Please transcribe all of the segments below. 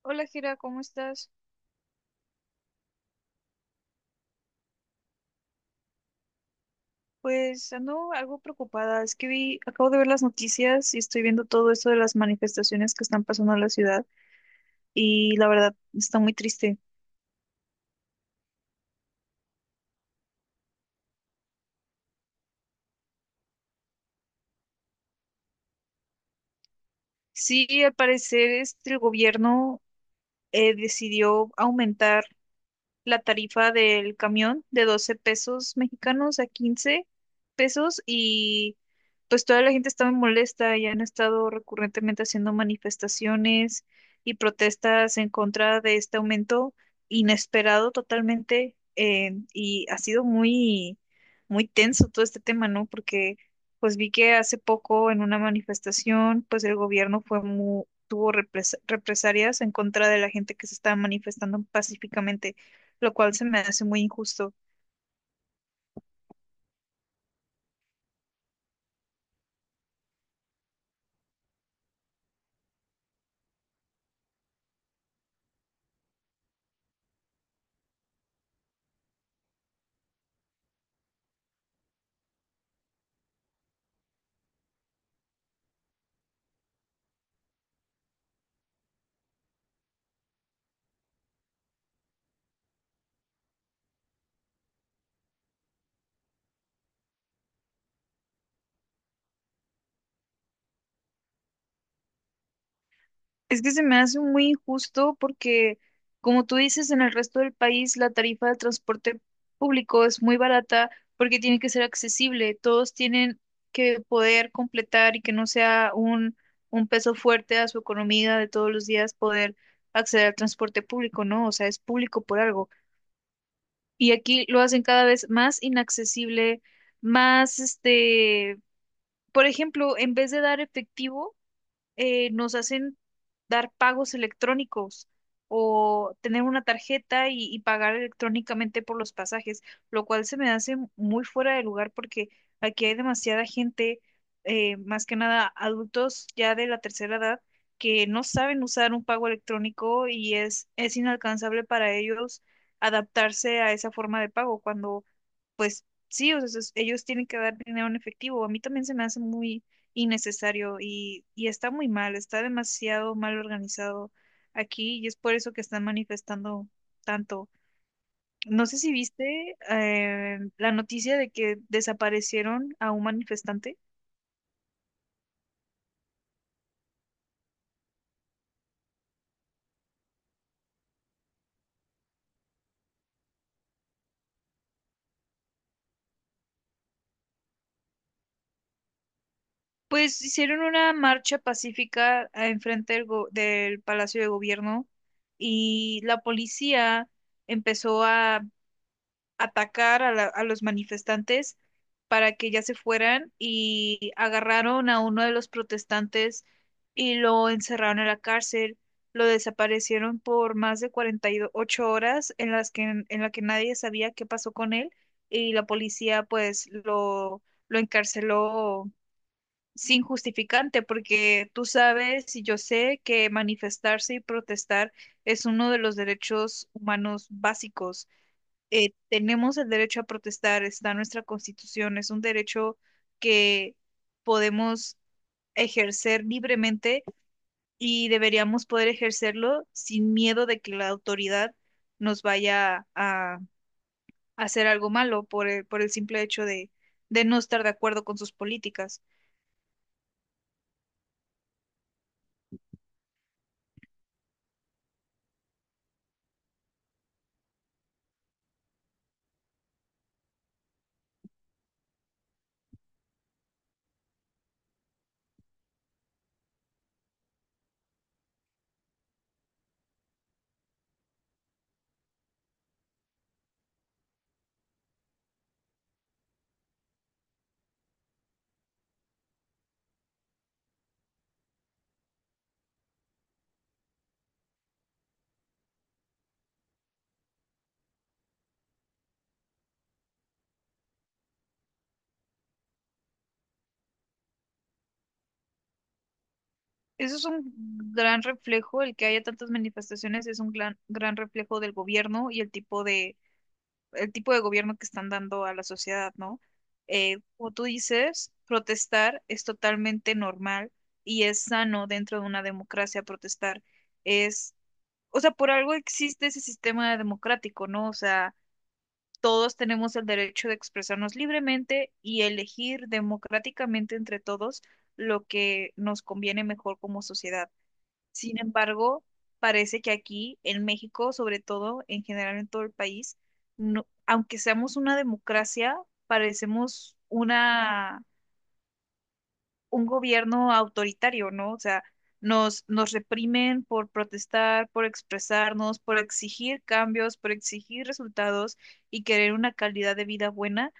Hola, Jera, ¿cómo estás? Pues ando algo preocupada. Es que acabo de ver las noticias y estoy viendo todo esto de las manifestaciones que están pasando en la ciudad y la verdad está muy triste. Sí, al parecer este, el gobierno decidió aumentar la tarifa del camión de 12 pesos mexicanos a 15 pesos y pues toda la gente está muy molesta y han estado recurrentemente haciendo manifestaciones y protestas en contra de este aumento inesperado totalmente, y ha sido muy tenso todo este tema, ¿no? Porque pues vi que hace poco en una manifestación pues el gobierno fue muy tuvo represalias en contra de la gente que se estaba manifestando pacíficamente, lo cual se me hace muy injusto. Es que se me hace muy injusto porque, como tú dices, en el resto del país la tarifa del transporte público es muy barata porque tiene que ser accesible. Todos tienen que poder completar y que no sea un peso fuerte a su economía de todos los días poder acceder al transporte público, ¿no? O sea, es público por algo. Y aquí lo hacen cada vez más inaccesible, más, este, por ejemplo, en vez de dar efectivo, nos hacen dar pagos electrónicos o tener una tarjeta y pagar electrónicamente por los pasajes, lo cual se me hace muy fuera de lugar porque aquí hay demasiada gente, más que nada adultos ya de la tercera edad, que no saben usar un pago electrónico y es inalcanzable para ellos adaptarse a esa forma de pago cuando pues sí, o sea, ellos tienen que dar dinero en efectivo. A mí también se me hace muy innecesario y está muy mal, está demasiado mal organizado aquí y es por eso que están manifestando tanto. No sé si viste la noticia de que desaparecieron a un manifestante. Pues hicieron una marcha pacífica enfrente del Palacio de Gobierno y la policía empezó a atacar a los manifestantes para que ya se fueran y agarraron a uno de los protestantes y lo encerraron en la cárcel. Lo desaparecieron por más de 48 horas en las en la que nadie sabía qué pasó con él y la policía pues lo encarceló sin justificante porque tú sabes y yo sé que manifestarse y protestar es uno de los derechos humanos básicos tenemos el derecho a protestar, está en nuestra constitución, es un derecho que podemos ejercer libremente y deberíamos poder ejercerlo sin miedo de que la autoridad nos vaya a hacer algo malo por el simple hecho de no estar de acuerdo con sus políticas. Eso es un gran reflejo, el que haya tantas manifestaciones es un gran reflejo del gobierno y el tipo de gobierno que están dando a la sociedad, ¿no? Como tú dices, protestar es totalmente normal y es sano dentro de una democracia protestar. Es, o sea, por algo existe ese sistema democrático, ¿no? O sea, todos tenemos el derecho de expresarnos libremente y elegir democráticamente entre todos lo que nos conviene mejor como sociedad. Sin embargo, parece que aquí en México, sobre todo, en general en todo el país, aunque seamos una democracia, parecemos una, un gobierno autoritario, ¿no? O sea, nos reprimen por protestar, por expresarnos, por exigir cambios, por exigir resultados y querer una calidad de vida buena.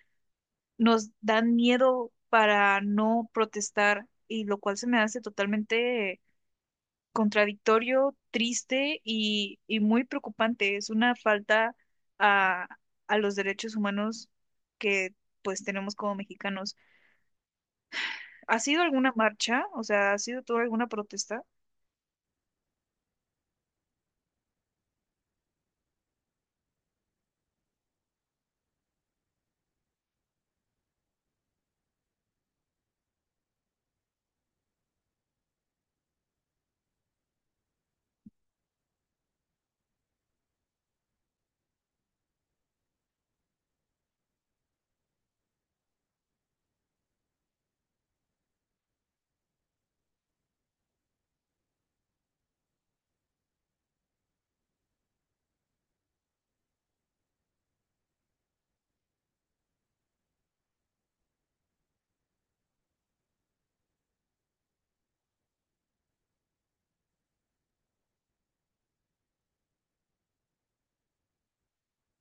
Nos dan miedo para no protestar y lo cual se me hace totalmente contradictorio, triste y muy preocupante. Es una falta a, a los derechos humanos que pues tenemos como mexicanos. ¿Ha sido alguna marcha? O sea, ¿ha sido toda alguna protesta?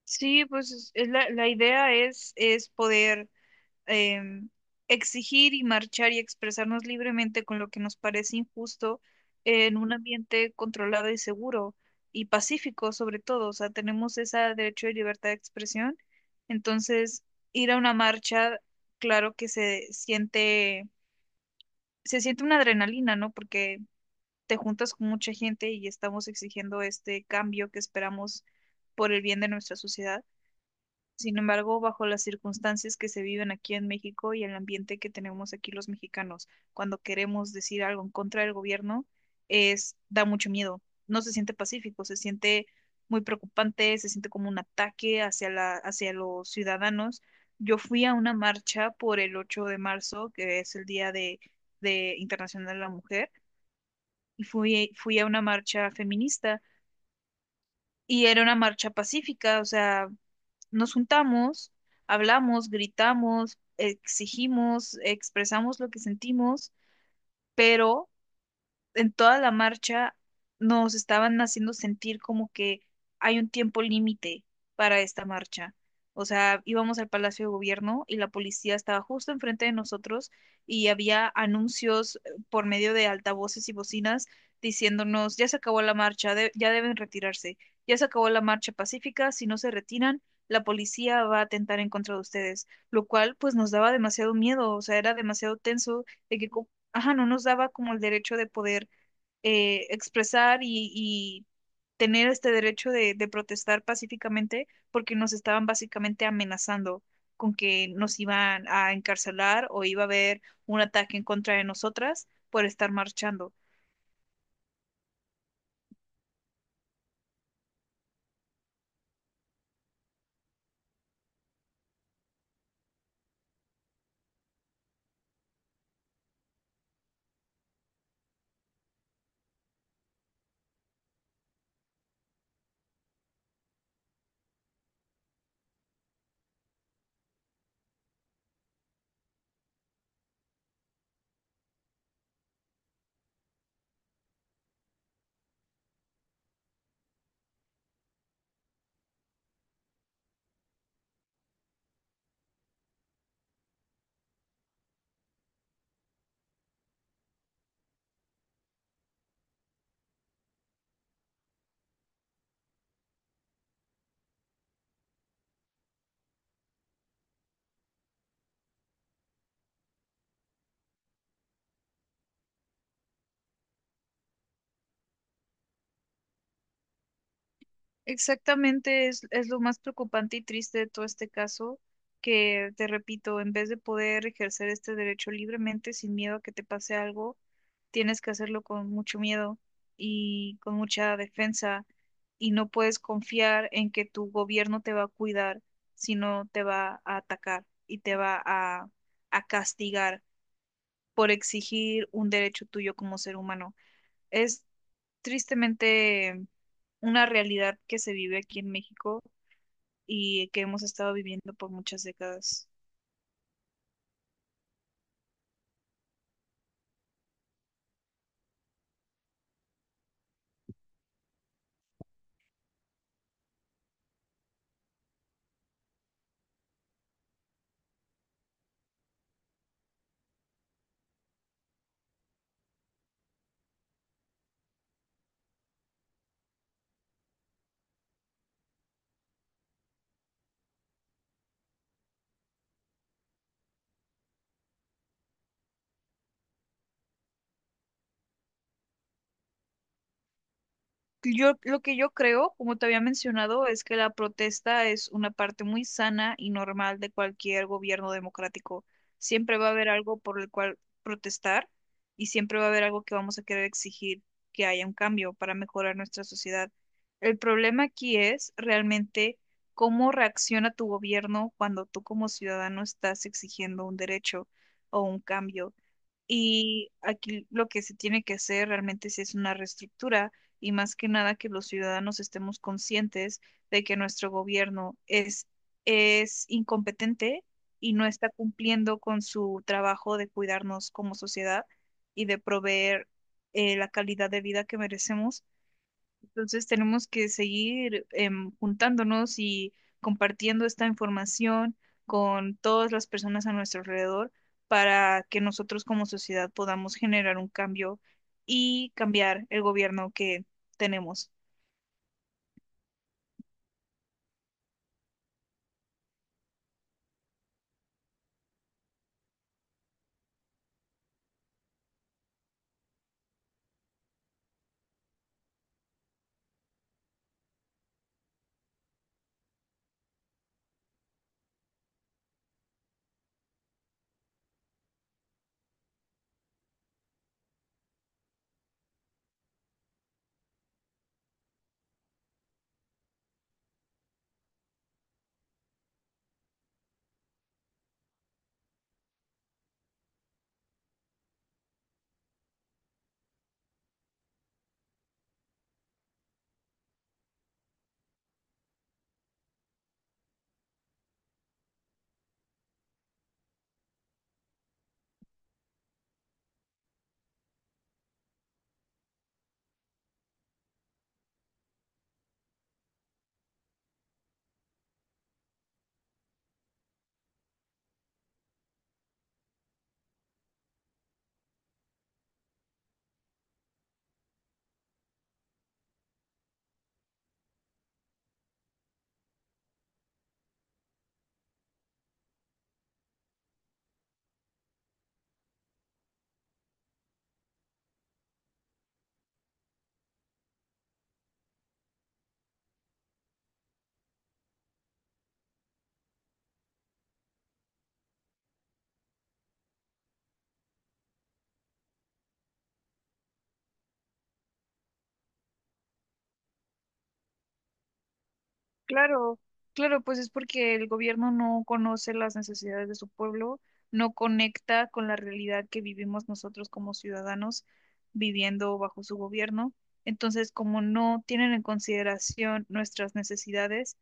Sí, pues la idea es poder em, exigir y marchar y expresarnos libremente con lo que nos parece injusto en un ambiente controlado y seguro y pacífico sobre todo. O sea, tenemos ese derecho de libertad de expresión. Entonces, ir a una marcha, claro que se se siente una adrenalina, ¿no? Porque te juntas con mucha gente y estamos exigiendo este cambio que esperamos por el bien de nuestra sociedad. Sin embargo, bajo las circunstancias que se viven aquí en México y el ambiente que tenemos aquí los mexicanos, cuando queremos decir algo en contra del gobierno, es, da mucho miedo. No se siente pacífico, se siente muy preocupante, se siente como un ataque hacia los ciudadanos. Yo fui a una marcha por el 8 de marzo, que es de Internacional de la Mujer, y fui a una marcha feminista. Y era una marcha pacífica, o sea, nos juntamos, hablamos, gritamos, exigimos, expresamos lo que sentimos, pero en toda la marcha nos estaban haciendo sentir como que hay un tiempo límite para esta marcha. O sea, íbamos al Palacio de Gobierno y la policía estaba justo enfrente de nosotros y había anuncios por medio de altavoces y bocinas diciéndonos, ya se acabó la marcha, ya deben retirarse, ya se acabó la marcha pacífica, si no se retiran, la policía va a atentar en contra de ustedes, lo cual pues nos daba demasiado miedo, o sea, era demasiado tenso de que ajá, no nos daba como el derecho de poder expresar y tener este derecho de protestar pacíficamente porque nos estaban básicamente amenazando con que nos iban a encarcelar o iba a haber un ataque en contra de nosotras por estar marchando. Exactamente, es lo más preocupante y triste de todo este caso, que te repito, en vez de poder ejercer este derecho libremente sin miedo a que te pase algo, tienes que hacerlo con mucho miedo y con mucha defensa y no puedes confiar en que tu gobierno te va a cuidar, sino te va a atacar y te va a castigar por exigir un derecho tuyo como ser humano. Es tristemente una realidad que se vive aquí en México y que hemos estado viviendo por muchas décadas. Yo, lo que yo creo, como te había mencionado, es que la protesta es una parte muy sana y normal de cualquier gobierno democrático. Siempre va a haber algo por el cual protestar y siempre va a haber algo que vamos a querer exigir que haya un cambio para mejorar nuestra sociedad. El problema aquí es realmente cómo reacciona tu gobierno cuando tú como ciudadano estás exigiendo un derecho o un cambio. Y aquí lo que se tiene que hacer realmente sí es una reestructura y más que nada que los ciudadanos estemos conscientes de que nuestro gobierno es incompetente y no está cumpliendo con su trabajo de cuidarnos como sociedad y de proveer la calidad de vida que merecemos. Entonces tenemos que seguir juntándonos y compartiendo esta información con todas las personas a nuestro alrededor para que nosotros como sociedad podamos generar un cambio y cambiar el gobierno que tenemos. Claro, claro, pues es porque el gobierno no conoce las necesidades de su pueblo, no conecta con la realidad que vivimos nosotros como ciudadanos viviendo bajo su gobierno. Entonces, como no tienen en consideración nuestras necesidades,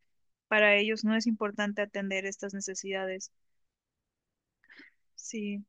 para ellos no es importante atender estas necesidades. Sí,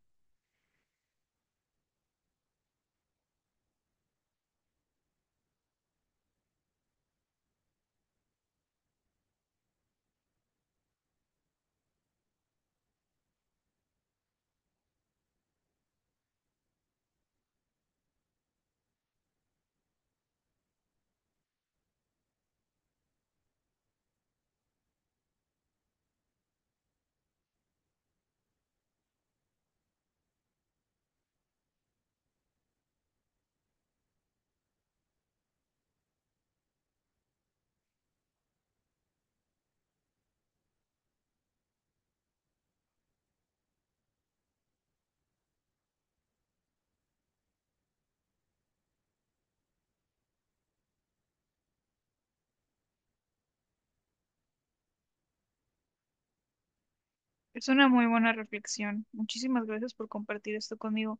es una muy buena reflexión. Muchísimas gracias por compartir esto conmigo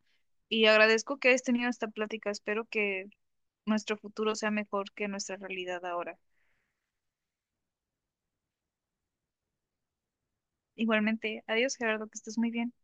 y agradezco que hayas tenido esta plática. Espero que nuestro futuro sea mejor que nuestra realidad ahora. Igualmente, adiós Gerardo, que estés muy bien.